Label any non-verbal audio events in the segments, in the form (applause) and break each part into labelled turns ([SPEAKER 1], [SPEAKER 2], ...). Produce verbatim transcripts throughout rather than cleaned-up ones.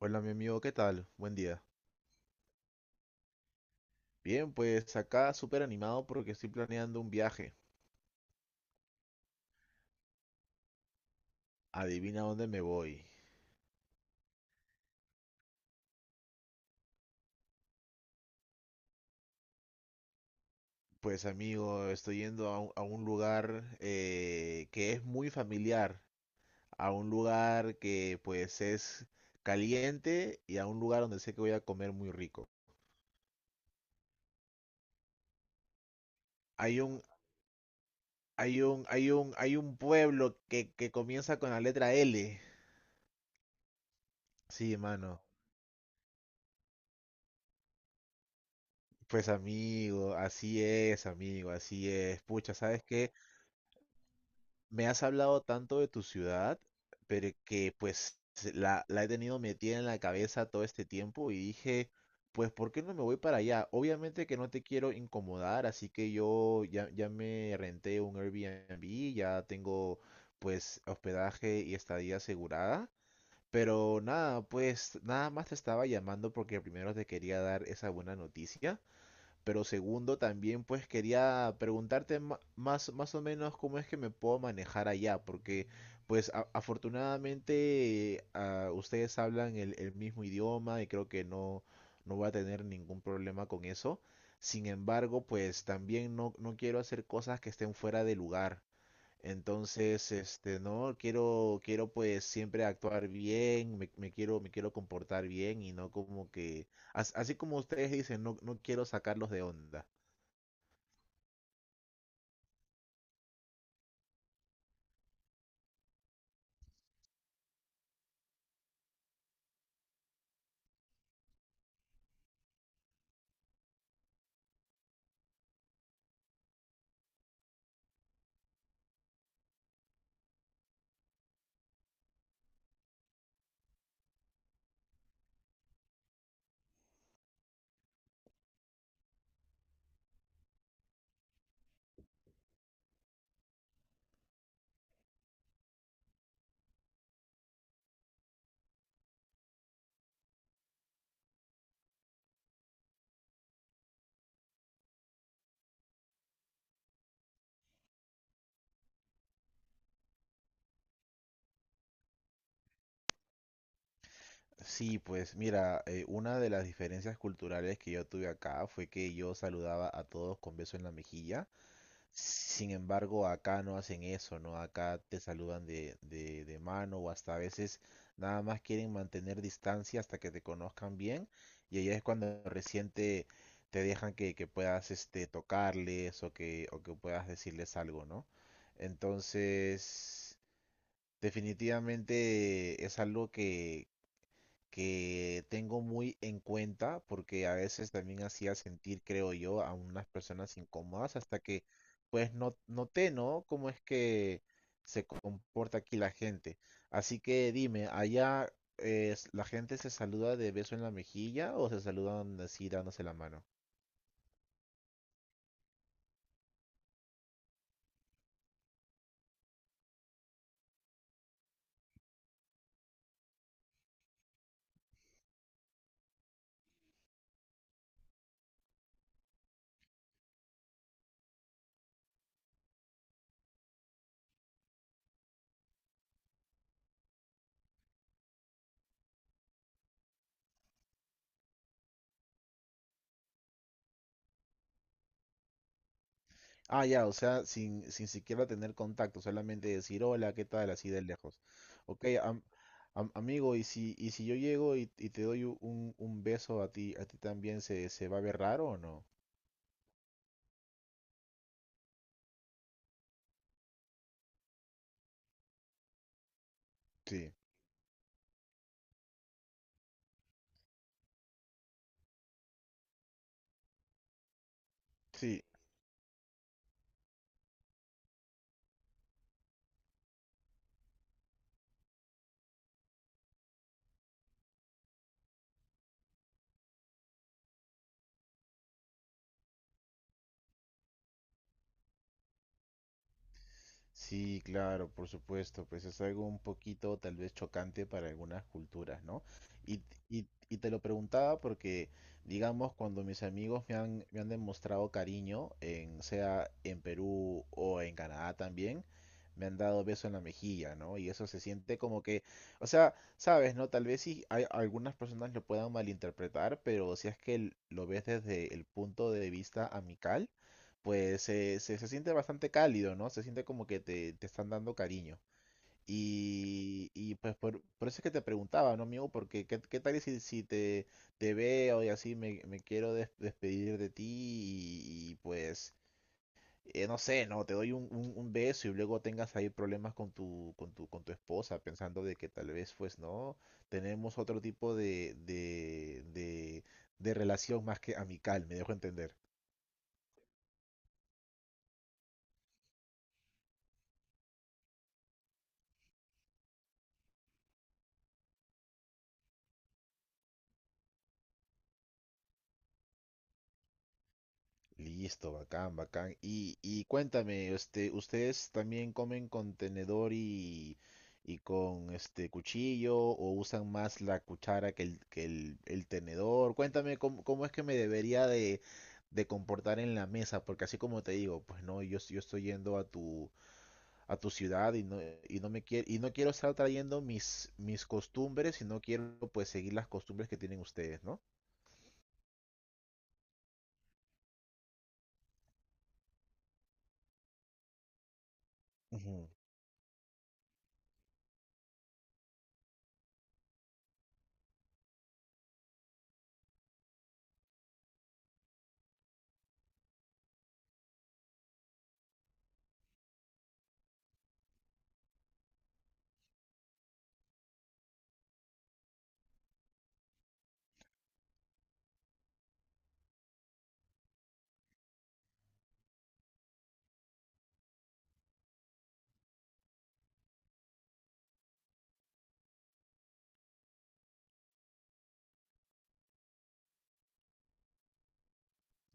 [SPEAKER 1] Hola mi amigo, ¿qué tal? Buen día. Bien, pues acá súper animado porque estoy planeando un viaje. Adivina dónde me voy. Pues amigo, estoy yendo a un, a un lugar eh, que es muy familiar, a un lugar que pues es caliente y a un lugar donde sé que voy a comer muy rico. Hay un, hay un, hay un, hay un pueblo que, que comienza con la letra L. Sí, mano. Pues amigo, así es, amigo, así es. Pucha, ¿sabes qué? Me has hablado tanto de tu ciudad, pero que pues la, la he tenido metida en la cabeza todo este tiempo y dije, pues ¿por qué no me voy para allá? Obviamente que no te quiero incomodar, así que yo ya, ya me renté un Airbnb, ya tengo pues hospedaje y estadía asegurada, pero nada, pues nada más te estaba llamando porque primero te quería dar esa buena noticia. Pero segundo, también pues quería preguntarte ma- más, más o menos cómo es que me puedo manejar allá, porque pues a- afortunadamente eh, ah, ustedes hablan el, el mismo idioma y creo que no, no voy a tener ningún problema con eso. Sin embargo, pues también no, no quiero hacer cosas que estén fuera de lugar. Entonces, este, no, quiero, quiero pues siempre actuar bien, me, me quiero, me quiero comportar bien y no como que, as- así como ustedes dicen, no, no quiero sacarlos de onda. Sí, pues mira, eh, una de las diferencias culturales que yo tuve acá fue que yo saludaba a todos con beso en la mejilla. Sin embargo, acá no hacen eso, ¿no? Acá te saludan de, de, de mano o hasta a veces nada más quieren mantener distancia hasta que te conozcan bien y ahí es cuando recién te, te dejan que, que puedas este, tocarles o que, o que puedas decirles algo, ¿no? Entonces, definitivamente es algo que tengo muy en cuenta porque a veces también hacía sentir, creo yo, a unas personas incómodas hasta que pues no, noté, ¿no? Cómo es que se comporta aquí la gente. Así que dime, ¿allá eh, la gente se saluda de beso en la mejilla o se saludan así dándose la mano? Ah, ya, o sea, sin, sin siquiera tener contacto, solamente decir hola, ¿qué tal? Así de lejos. Ok, am- am- amigo, y si, y si yo llego y, y te doy u- un, un beso a ti, a ti también, ¿se, se va a ver raro o no? Sí, sí. Sí, claro, por supuesto, pues es algo un poquito tal vez chocante para algunas culturas, ¿no? Y, y- y te lo preguntaba porque, digamos, cuando mis amigos me han, me han demostrado cariño, en, sea en Perú o en Canadá también, me han dado beso en la mejilla, ¿no? Y eso se siente como que, o sea, sabes, ¿no? Tal vez sí hay algunas personas lo puedan malinterpretar, pero si es que l- lo ves desde el punto de vista amical, pues se, se, se siente bastante cálido, ¿no? Se siente como que te, te están dando cariño. Y, y pues por, por eso es que te preguntaba, ¿no, amigo? Porque qué, qué tal si, si te, te veo y así me, me quiero des- despedir de ti y, y, pues, eh, no sé, ¿no? Te doy un, un- un beso y luego tengas ahí problemas con tu, con tu, con tu esposa, pensando de que tal vez, pues, ¿no? Tenemos otro tipo de, de, de, de relación más que amical, me dejo entender. Listo, bacán, bacán. Y, y cuéntame, este, ¿ustedes también comen con tenedor y, y con este cuchillo o usan más la cuchara que el, que el, el tenedor? Cuéntame cómo, cómo es que me debería de, de comportar en la mesa, porque así como te digo, pues no, yo, yo estoy yendo a tu, a tu ciudad y no, y no me quiero, y no quiero estar trayendo mis, mis costumbres y no quiero pues seguir las costumbres que tienen ustedes, ¿no? Ujú.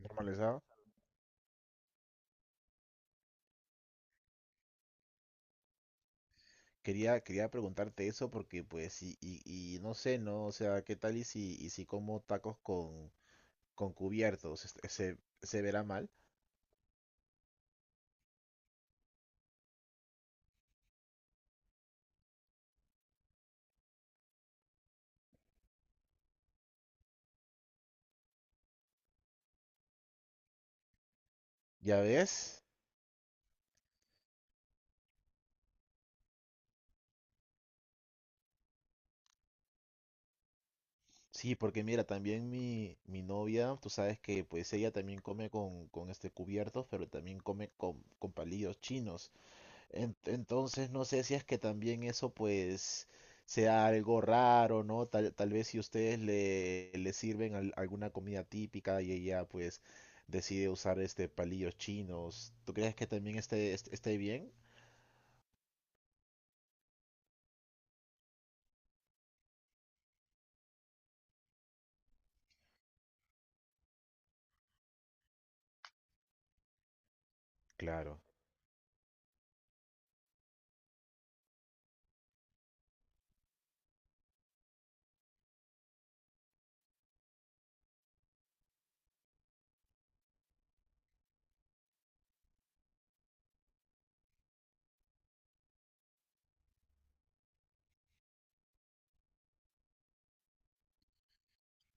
[SPEAKER 1] Normalizado. Quería, quería preguntarte eso porque pues y, y, y no sé, ¿no? O sea, ¿qué tal y si, y si como tacos con, con cubiertos? Este, ¿se, se verá mal? ¿Ya ves? Sí, porque mira, también mi, mi novia, tú sabes que pues ella también come con, con este cubiertos, pero también come con, con palillos chinos. En- Entonces no sé si es que también eso pues sea algo raro, ¿no? Tal, tal vez si ustedes le, le sirven al- alguna comida típica y ella pues decide usar este palillos chinos, ¿tú crees que también esté, est- esté bien? Claro.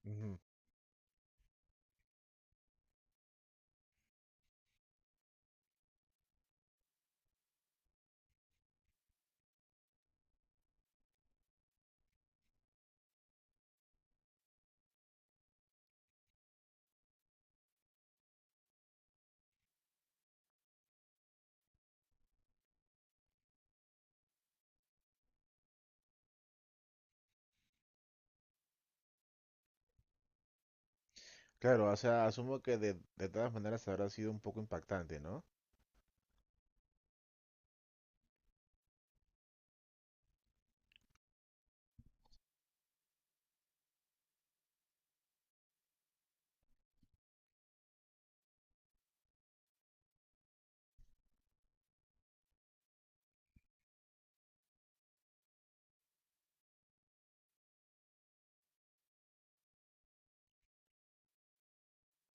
[SPEAKER 1] Ujú. Claro, o sea, asumo que de, de todas maneras habrá sido un poco impactante, ¿no?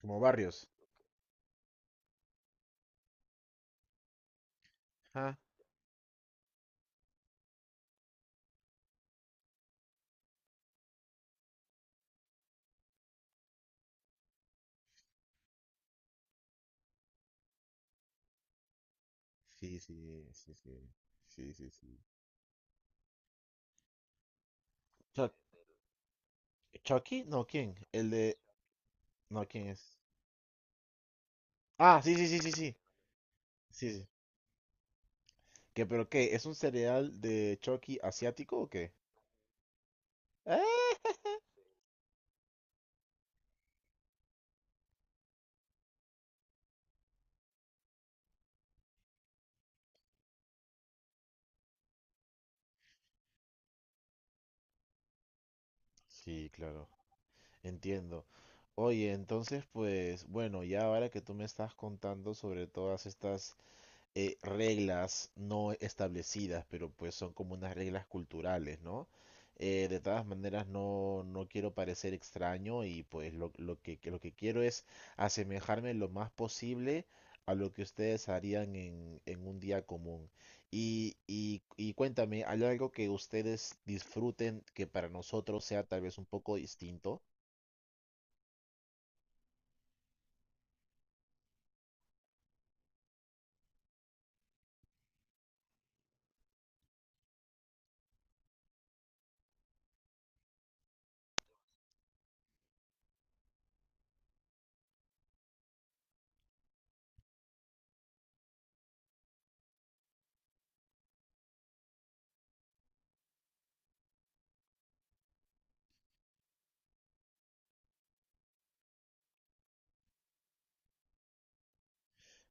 [SPEAKER 1] Como barrios. Ah, sí, sí, sí, sí, sí, sí, sí. Chuck- ¿Chucky? No, ¿quién? El de... No, ¿quién es? Ah, sí, sí, sí, sí, sí. Sí, sí. ¿Qué, pero qué? ¿Es un cereal de Chucky asiático o qué? ¡Ah! (laughs) Sí, claro, entiendo. Oye, entonces, pues, bueno, ya ahora que tú me estás contando sobre todas estas eh, reglas no establecidas, pero pues son como unas reglas culturales, ¿no? Eh, de todas maneras, no, no quiero parecer extraño y pues lo, lo que, que lo que quiero es asemejarme lo más posible a lo que ustedes harían en, en un día común. Y, y, y cuéntame, ¿hay algo que ustedes disfruten que para nosotros sea tal vez un poco distinto?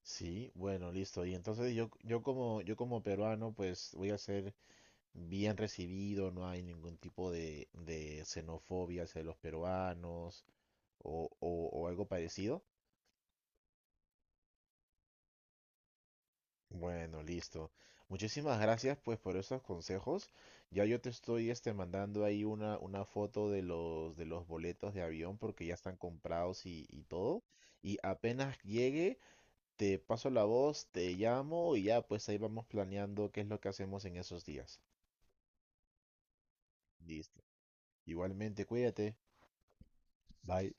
[SPEAKER 1] Sí, bueno, listo. Y entonces yo, yo como, yo como peruano, pues voy a hacer bien recibido, no hay ningún tipo de, de xenofobia hacia los peruanos o, o- o algo parecido. Bueno, listo. Muchísimas gracias pues por esos consejos. Ya yo te estoy este mandando ahí una, una foto de los de los boletos de avión porque ya están comprados y, y todo. Y apenas llegue, te paso la voz, te llamo y ya pues ahí vamos planeando qué es lo que hacemos en esos días. Listo. Igualmente, cuídate. Bye.